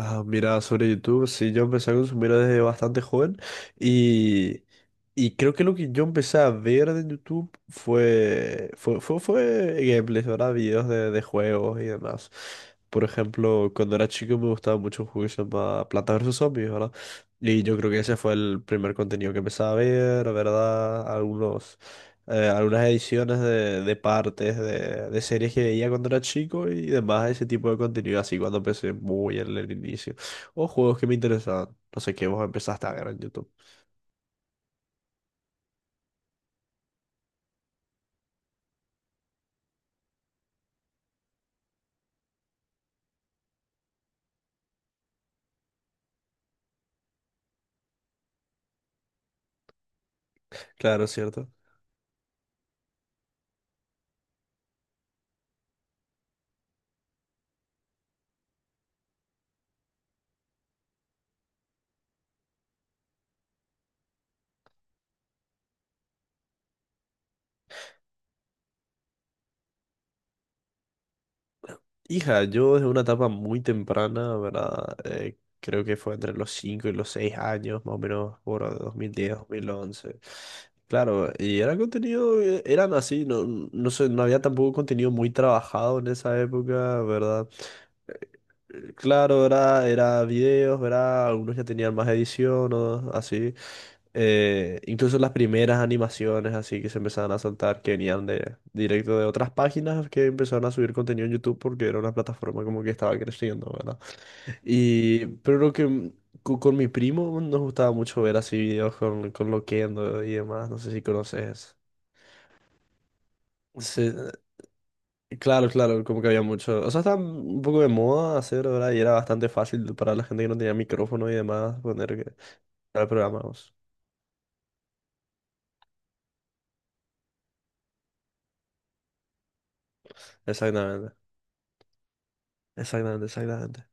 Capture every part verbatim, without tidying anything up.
Ah, mira, sobre YouTube, sí, yo empecé a consumir desde bastante joven y, y creo que lo que yo empecé a ver de YouTube fue, fue, fue, fue gameplays, ¿verdad? Videos de, de juegos y demás. Por ejemplo, cuando era chico me gustaba mucho un juego que se llama Planta versus Zombies, ¿verdad? Y yo creo que ese fue el primer contenido que empecé a ver, ¿verdad? Algunos eh, algunas ediciones de, de partes de, de series que veía cuando era chico y demás, ese tipo de contenido, así cuando empecé muy en el inicio. O juegos que me interesaban. No sé qué vos empezaste a ver en YouTube. Claro, cierto. Hija, yo desde una etapa muy temprana, ¿verdad? Eh, creo que fue entre los cinco y los seis años, más o menos, por dos mil diez, dos mil once. Claro, y era contenido, eh, eran así, no, no sé, no había tampoco contenido muy trabajado en esa época, ¿verdad? eh, Claro, era, era videos, ¿verdad? Algunos ya tenían más edición o así. Eh, incluso las primeras animaciones así que se empezaban a saltar, que venían de directo de otras páginas que empezaron a subir contenido en YouTube porque era una plataforma como que estaba creciendo, ¿verdad? Y, pero lo que mm, co- con, mi primo nos gustaba mucho ver así videos con, con Loquendo y demás, no sé si conoces. Sí, claro, claro, como que había mucho. O sea, estaba un poco de moda hacer, ¿verdad? Y era bastante fácil para la gente que no tenía micrófono y demás poner que el programa. Vos. Exactamente, exactamente, exactamente.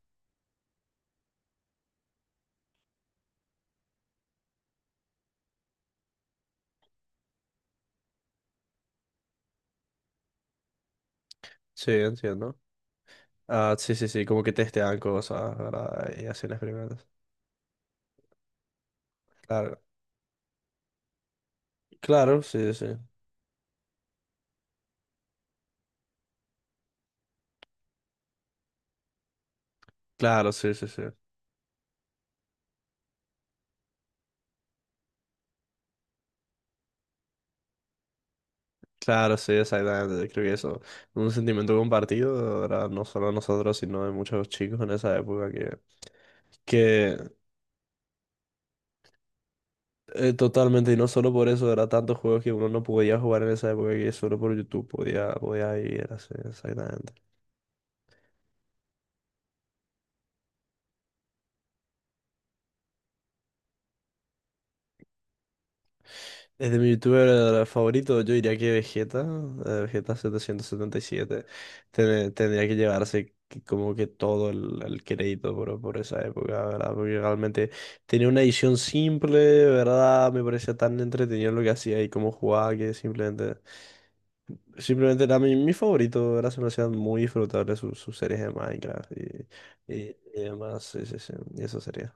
Sí, entiendo. Ah, sí, sí, sí, como que testean cosas, ¿verdad? Y hacen experimentos. Claro, claro, sí, sí. Claro, sí, sí, sí. Claro, sí, exactamente. Creo que eso, un sentimiento compartido, ¿verdad? No solo de nosotros, sino de muchos chicos en esa época que, que Eh, totalmente, y no solo por eso, era tantos juegos que uno no podía jugar en esa época que solo por YouTube podía, podía vivir así, exactamente. Desde mi youtuber eh, favorito, yo diría que Vegeta, eh, Vegeta setecientos setenta y siete, ten- tendría que llevarse que- como que todo el, el crédito por, por esa época, ¿verdad? Porque realmente tenía una edición simple, ¿verdad? Me parecía tan entretenido lo que hacía y cómo jugaba que simplemente Simplemente era mi, mi favorito, era, se me hacían muy disfrutables sus, sus series de Minecraft y, y, y demás, sí, sí, sí, y eso sería.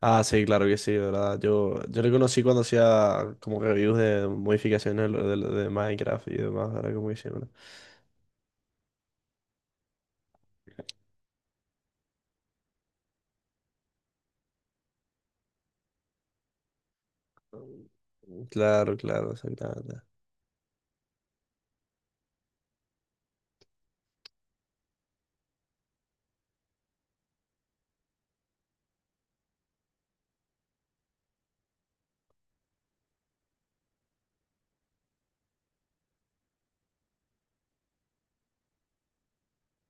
Ah, sí, claro que sí, ¿verdad? Yo, yo le conocí cuando hacía como reviews de modificaciones de, de- de Minecraft y demás, era como que sí, claro, claro, exactamente.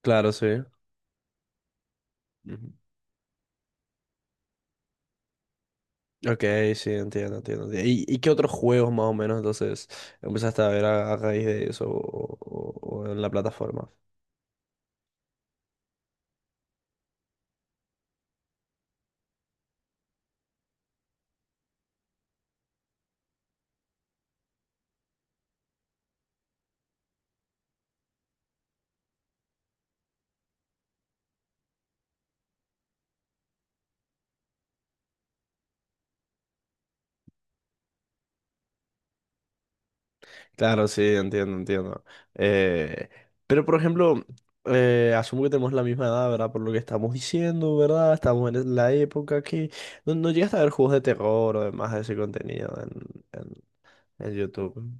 Claro, sí. Ujú. Ok, sí, entiendo, entiendo. entiendo. ¿Y, y qué otros juegos más o menos entonces empezaste a ver a, a raíz de eso o, o- o en la plataforma? Claro, sí, entiendo, entiendo. Eh, pero, por ejemplo, eh, asumo que tenemos la misma edad, ¿verdad? Por lo que estamos diciendo, ¿verdad? Estamos en la época que no, no llegaste a ver juegos de terror o demás de ese contenido en, en, en YouTube.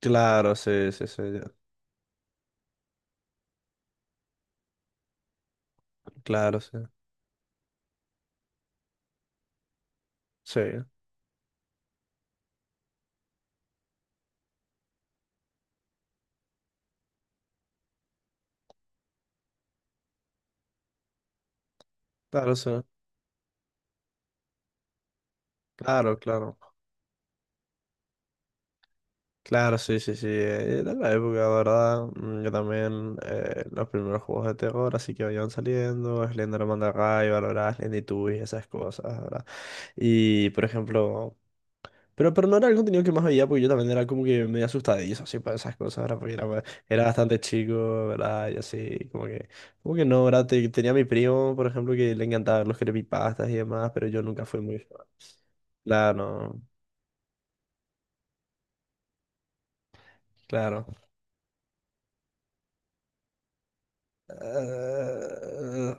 Claro, sí, sí, sí. Ya. Claro, sí. Sí, claro, sí. Claro, claro. Claro, sí, sí, sí. eh, Era la época, ¿verdad? Mm, Yo también, eh, los primeros juegos de terror, así que vayan saliendo, Slender Mandarray, Valorant, Slendytubbies, esas cosas, ¿verdad? Y, por ejemplo... Pero, pero no era el contenido que más veía, porque yo también era como que medio asustadizo, así, para esas cosas, ¿verdad? Porque era, era bastante chico, ¿verdad? Y así, como que... Como que no, ¿verdad? Te- tenía a mi primo, por ejemplo, que le encantaban los creepypastas y demás, pero yo nunca fui muy fan. Claro, claro. Eh,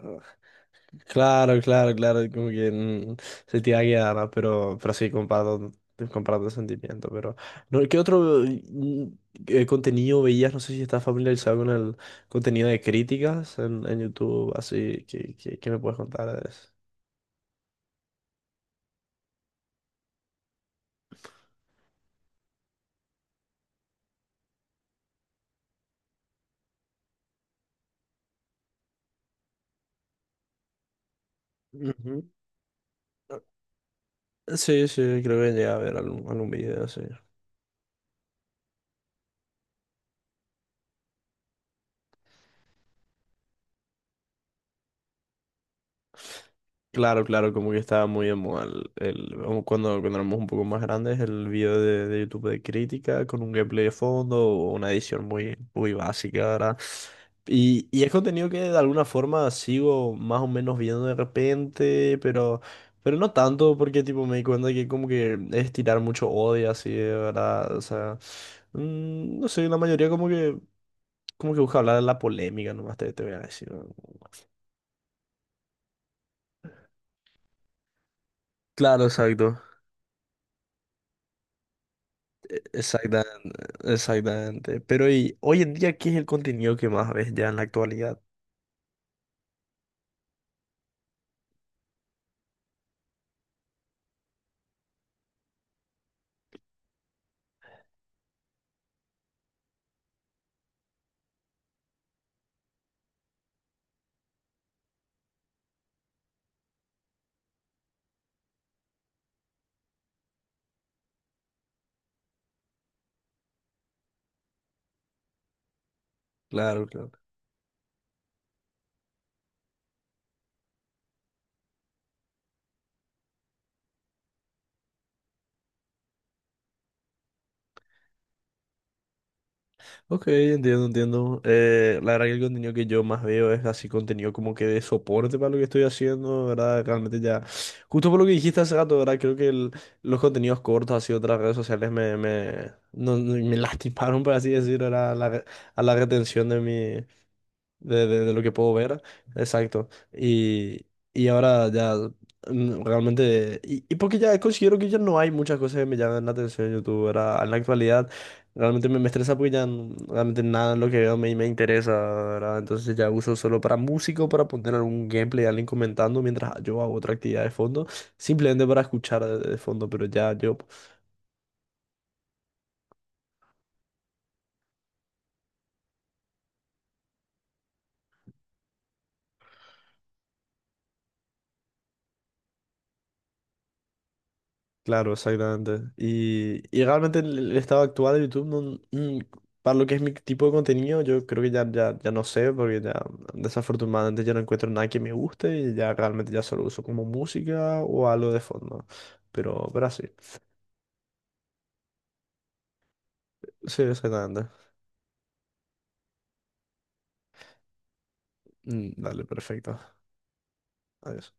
Claro, claro, claro, como que mm, se te va a quedar, ¿no? pero, pero sí, comparto, comparto el sentimiento, pero... No, ¿qué otro mm, eh, contenido veías? No sé si estás familiarizado con el contenido de críticas en, en YouTube, así, ¿qué, qué, ¿qué me puedes contar de eso? Ujú. Sí, sí, creo que llegué a ver algún, algún video, sí. Claro, claro, como que estaba muy en moda el, el- como cuando, cuando éramos un poco más grandes, el video de, de YouTube de crítica con un gameplay de fondo o una edición muy, muy básica, ¿verdad? Y, y es contenido que de alguna forma sigo más o menos viendo de repente, pero, pero no tanto, porque tipo me di cuenta que como que es tirar mucho odio así, de verdad. O sea, mm, no sé, la mayoría como que, como que busca hablar de la polémica, nomás te, te voy a decir. ¿No? Claro, exacto. Exactamente, exactamente. Pero y hoy en día, ¿qué es el contenido que más ves ya en la actualidad? Claro, claro. Ok, entiendo, entiendo. Eh, la verdad que el contenido que yo más veo es así contenido como que de soporte para lo que estoy haciendo, ¿verdad? Realmente ya, justo por lo que dijiste hace rato, ¿verdad? Creo que el- los contenidos cortos así de otras redes sociales me, me, no- no- me lastimaron, por así decir, ¿verdad? A la, re- a la retención de mi, de, de- de lo que puedo ver. Exacto. Y, y ahora ya mm, realmente... Y, y porque ya considero que ya no hay muchas cosas que me llaman la atención en YouTube, ¿verdad? En la actualidad realmente me, me estresa porque ya n- realmente nada en lo que veo me, me interesa, ¿verdad? Entonces ya uso solo para músico, para poner algún gameplay, alguien comentando mientras yo hago otra actividad de fondo, simplemente para escuchar de, de fondo, pero ya yo claro, exactamente. Y, y realmente el, el estado actual de YouTube, no- mm, para lo que es mi tipo de contenido, yo creo que ya, ya, ya no sé, porque ya desafortunadamente ya no encuentro nada que me guste y ya realmente ya solo uso como música o algo de fondo. Pero, pero así. Sí, exactamente. Mm, Dale, perfecto. Adiós.